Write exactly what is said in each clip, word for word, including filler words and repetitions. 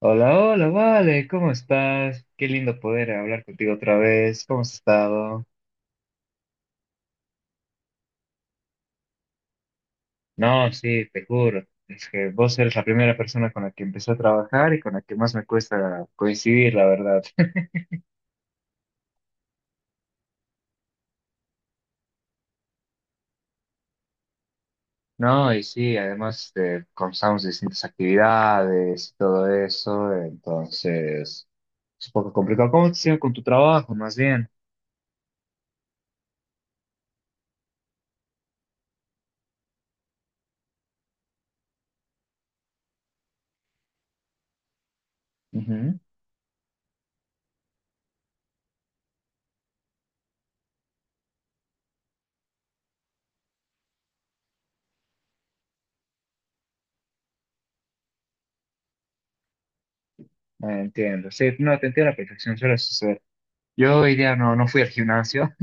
Hola, hola, vale, ¿cómo estás? Qué lindo poder hablar contigo otra vez, ¿cómo has estado? No, sí, te juro, es que vos eres la primera persona con la que empecé a trabajar y con la que más me cuesta coincidir, la verdad. No, y sí, además eh, comenzamos distintas actividades y todo eso, entonces es un poco complicado. ¿Cómo te sigue con tu trabajo, más bien? Ujú. Entiendo, sí, no, te entiendo a la perfección, suele suceder. Yo hoy día no, no fui al gimnasio.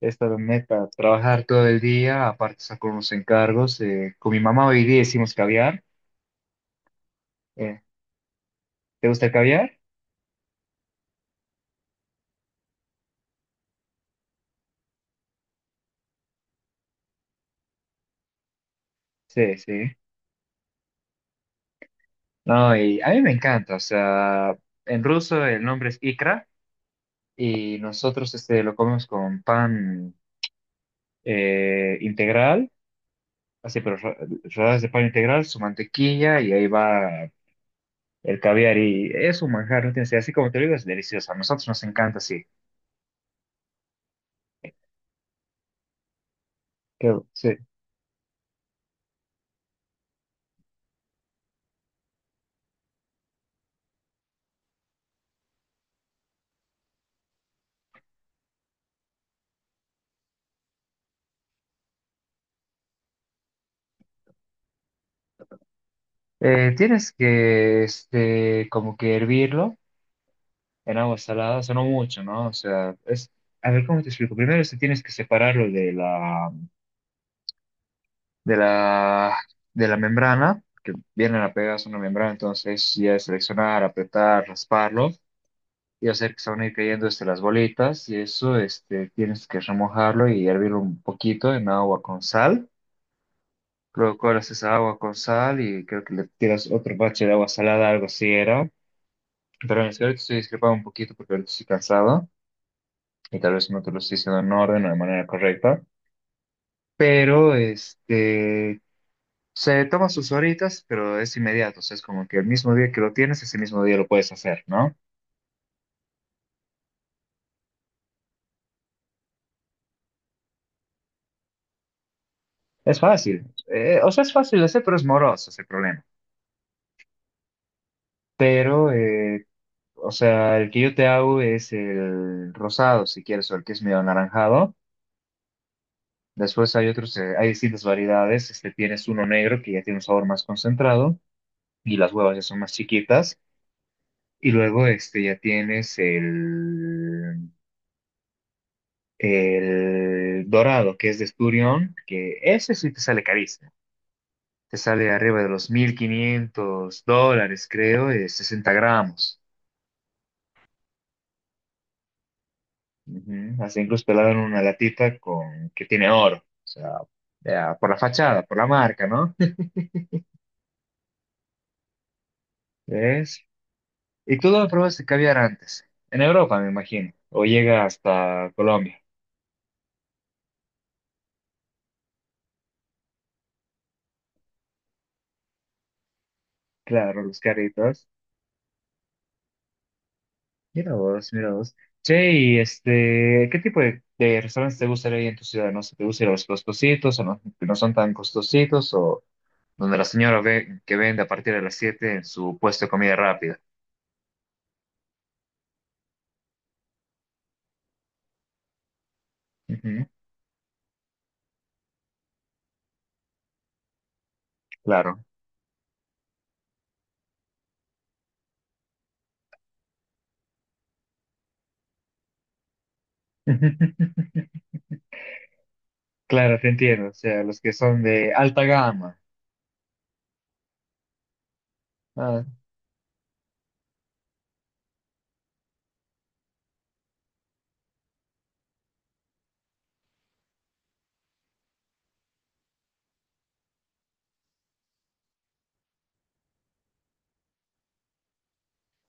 Es para, me- para trabajar todo el día, aparte saco con unos encargos. eh, con mi mamá hoy día hicimos caviar. eh, ¿te gusta el caviar? Sí, sí. No, y a mí me encanta. O sea, en ruso el nombre es ikra y nosotros este, lo comemos con pan eh, integral, así, pero ro- rodajas de pan integral, su mantequilla y ahí va el caviar. Y es un manjar, ¿no? Tienes- Así como te lo digo, es delicioso. A nosotros nos encanta, sí. Qué, sí. Eh, tienes que, este, como que hervirlo en agua salada, o sea, no mucho, ¿no? O sea, es, a ver, ¿cómo te explico? Primero este, tienes que separarlo de la, de la, de la membrana, que viene la pegadas una membrana, entonces ya es seleccionar, apretar, rasparlo y hacer que se van a ir cayendo, este, las bolitas y eso, este, tienes que remojarlo y hervirlo un poquito en agua con sal. Luego colas esa agua con sal y creo que le tiras otro bache de agua salada, algo así era. Pero es que ahorita estoy discrepando un poquito porque ahorita estoy cansado y tal vez no te lo estoy diciendo en orden o de manera correcta. Pero este se toma sus horitas, pero es inmediato. O sea, es como que el mismo día que lo tienes, ese mismo día lo puedes hacer, ¿no? Es fácil. Eh, o sea, es fácil de hacer, pero es moroso ese problema. Pero, eh, o sea, el que yo te hago es el rosado, si quieres, o el que es medio anaranjado. Después hay otros, eh, hay distintas variedades. Este tienes uno negro que ya tiene un sabor más concentrado y las huevas ya son más chiquitas. Y luego este, ya tienes el, el dorado, que es de esturión, que ese sí te sale carísimo. Te sale arriba de los mil quinientos dólares, creo, de sesenta gramos. Ujú. Hasta incluso te la dan en una latita con, que tiene oro. O sea, ya, por la fachada, por la marca, ¿no? ¿Ves? ¿Y tú dónde probaste caviar antes? En Europa, me imagino. O llega hasta Colombia. Claro, los caritos. Mira vos, mira vos. Che, y este, ¿qué tipo de, de restaurantes te gustaría ir en tu ciudad? No sé, ¿te gustaría los costositos o no, que no son tan costositos o donde la señora ve que vende a partir de las siete en su puesto de comida rápida? Ujú, claro. Claro, te entiendo. O sea, los que son de alta gama. Ah,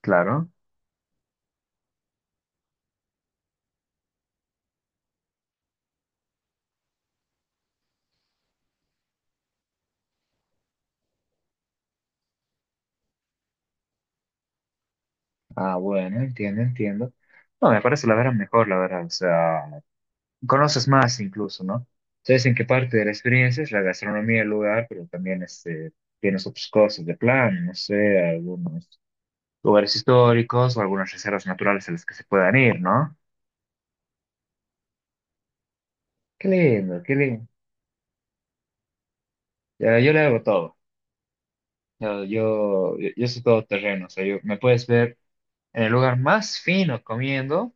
claro. Ah, bueno, entiendo, entiendo. No, me parece la verdad mejor, la verdad. O sea, conoces más incluso, ¿no? Sabes en qué parte de la experiencia es la gastronomía del lugar, pero también este, tienes otras cosas de plan, no sé, algunos lugares históricos o algunas reservas naturales a las que se puedan ir, ¿no? Qué lindo, qué lindo. Ya, yo le hago todo. Yo, yo, yo soy todo terreno, o sea, yo, me puedes ver en el lugar más fino comiendo,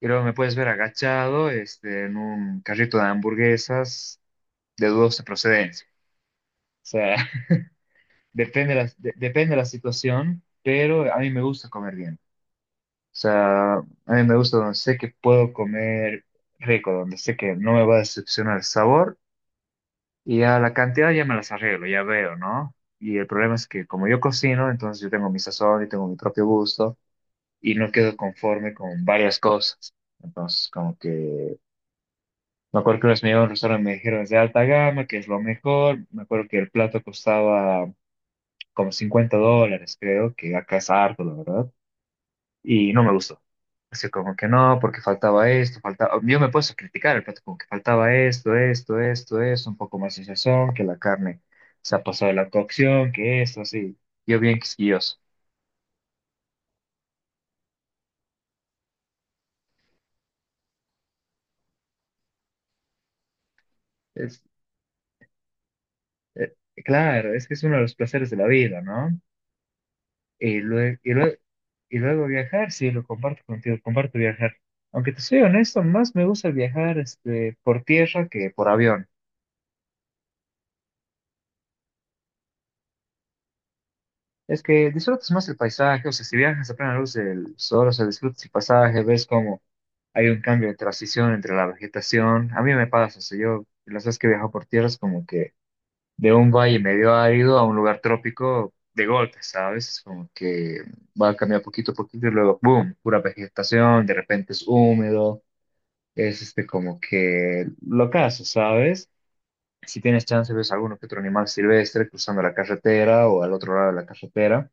y luego me puedes ver agachado este, en un carrito de hamburguesas de dudosa procedencia. Depende la, de- depende la situación, pero a mí me gusta comer bien. O sea, a mí me gusta donde sé que puedo comer rico, donde sé que no me va a decepcionar el sabor y a la cantidad ya me las arreglo, ya veo, ¿no? Y el problema es que como yo cocino, entonces yo tengo mi sazón y tengo mi propio gusto y no quedo conforme con varias cosas. Entonces, como que me acuerdo que unos me llevaron a un restaurante y me dijeron es de alta gama, que es lo mejor. Me acuerdo que el plato costaba como cincuenta dólares, creo, que acá es harto, la verdad, y no me gustó. Así como que no, porque faltaba esto, faltaba. Yo me puedo criticar el plato, como que faltaba esto, esto, esto, esto, un poco más de sazón, que la carne se ha pasado de la cocción, que esto, así. Yo bien quisquilloso. Es, eh, claro, es que es uno de los placeres de la vida, ¿no? Y luego, y luego, y luego viajar, sí, lo comparto contigo, comparto viajar. Aunque te soy honesto, más me gusta viajar este, por tierra que por avión. Es que disfrutas más el paisaje, o sea, si viajas a plena luz del sol, o sea, disfrutas el paisaje, ves cómo hay un cambio de transición entre la vegetación. A mí me pasa, o sea, yo las veces que viajo por tierra es como que de un valle medio árido a un lugar trópico de golpe, ¿sabes? Es como que va a cambiar poquito a poquito y luego, ¡boom!, pura vegetación, de repente es húmedo, es este como que lo caso, ¿sabes? Si tienes chance, ves alguno que otro animal silvestre cruzando la carretera o al otro lado de la carretera.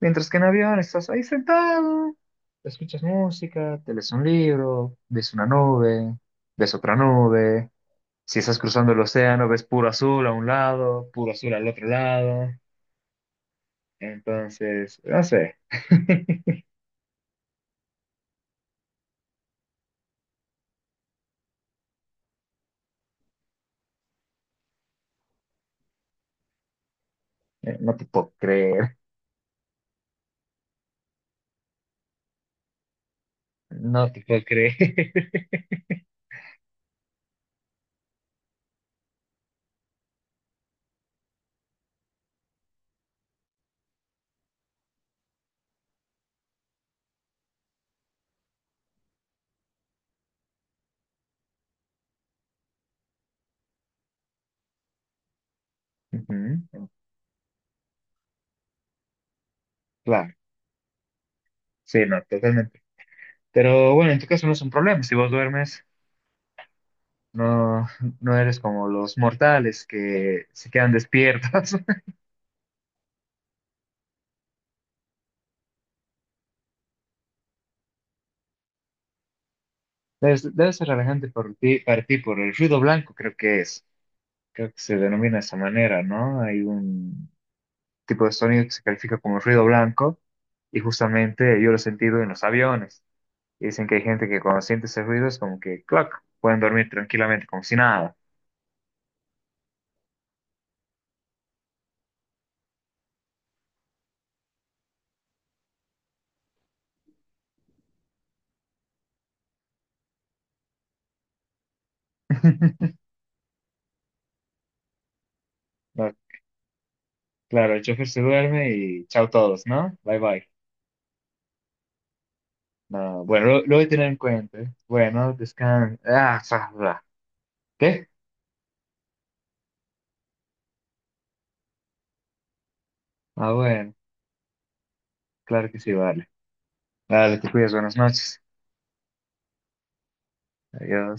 Mientras que en avión estás ahí sentado, escuchas música, te lees un libro, ves una nube, ves otra nube. Si estás cruzando el océano, ves puro azul a un lado, puro azul al otro lado. Entonces, no sé. Eh, No te puedo creer. No te puedo creer. Ujú. Claro, sí, no, totalmente. Pero bueno, en tu caso no es un problema. Si vos duermes, no, no eres como los mortales que se quedan despiertos. Debe, debe ser relajante por ti, para ti por el ruido blanco, creo que es. Creo que se denomina de esa manera, ¿no? Hay un tipo de sonido que se califica como ruido blanco y justamente yo lo he sentido en los aviones. Y dicen que hay gente que cuando siente ese ruido es como que, clac, pueden dormir tranquilamente como si nada. No, claro, el chofer se duerme y chao todos, ¿no? Bye bye. No, bueno, lo, lo voy a tener en cuenta. ¿Eh? Bueno, descansa. Ah, fa- fa. ¿Qué? Ah, bueno, claro que sí, vale. Vale, te cuidas, buenas noches. Adiós.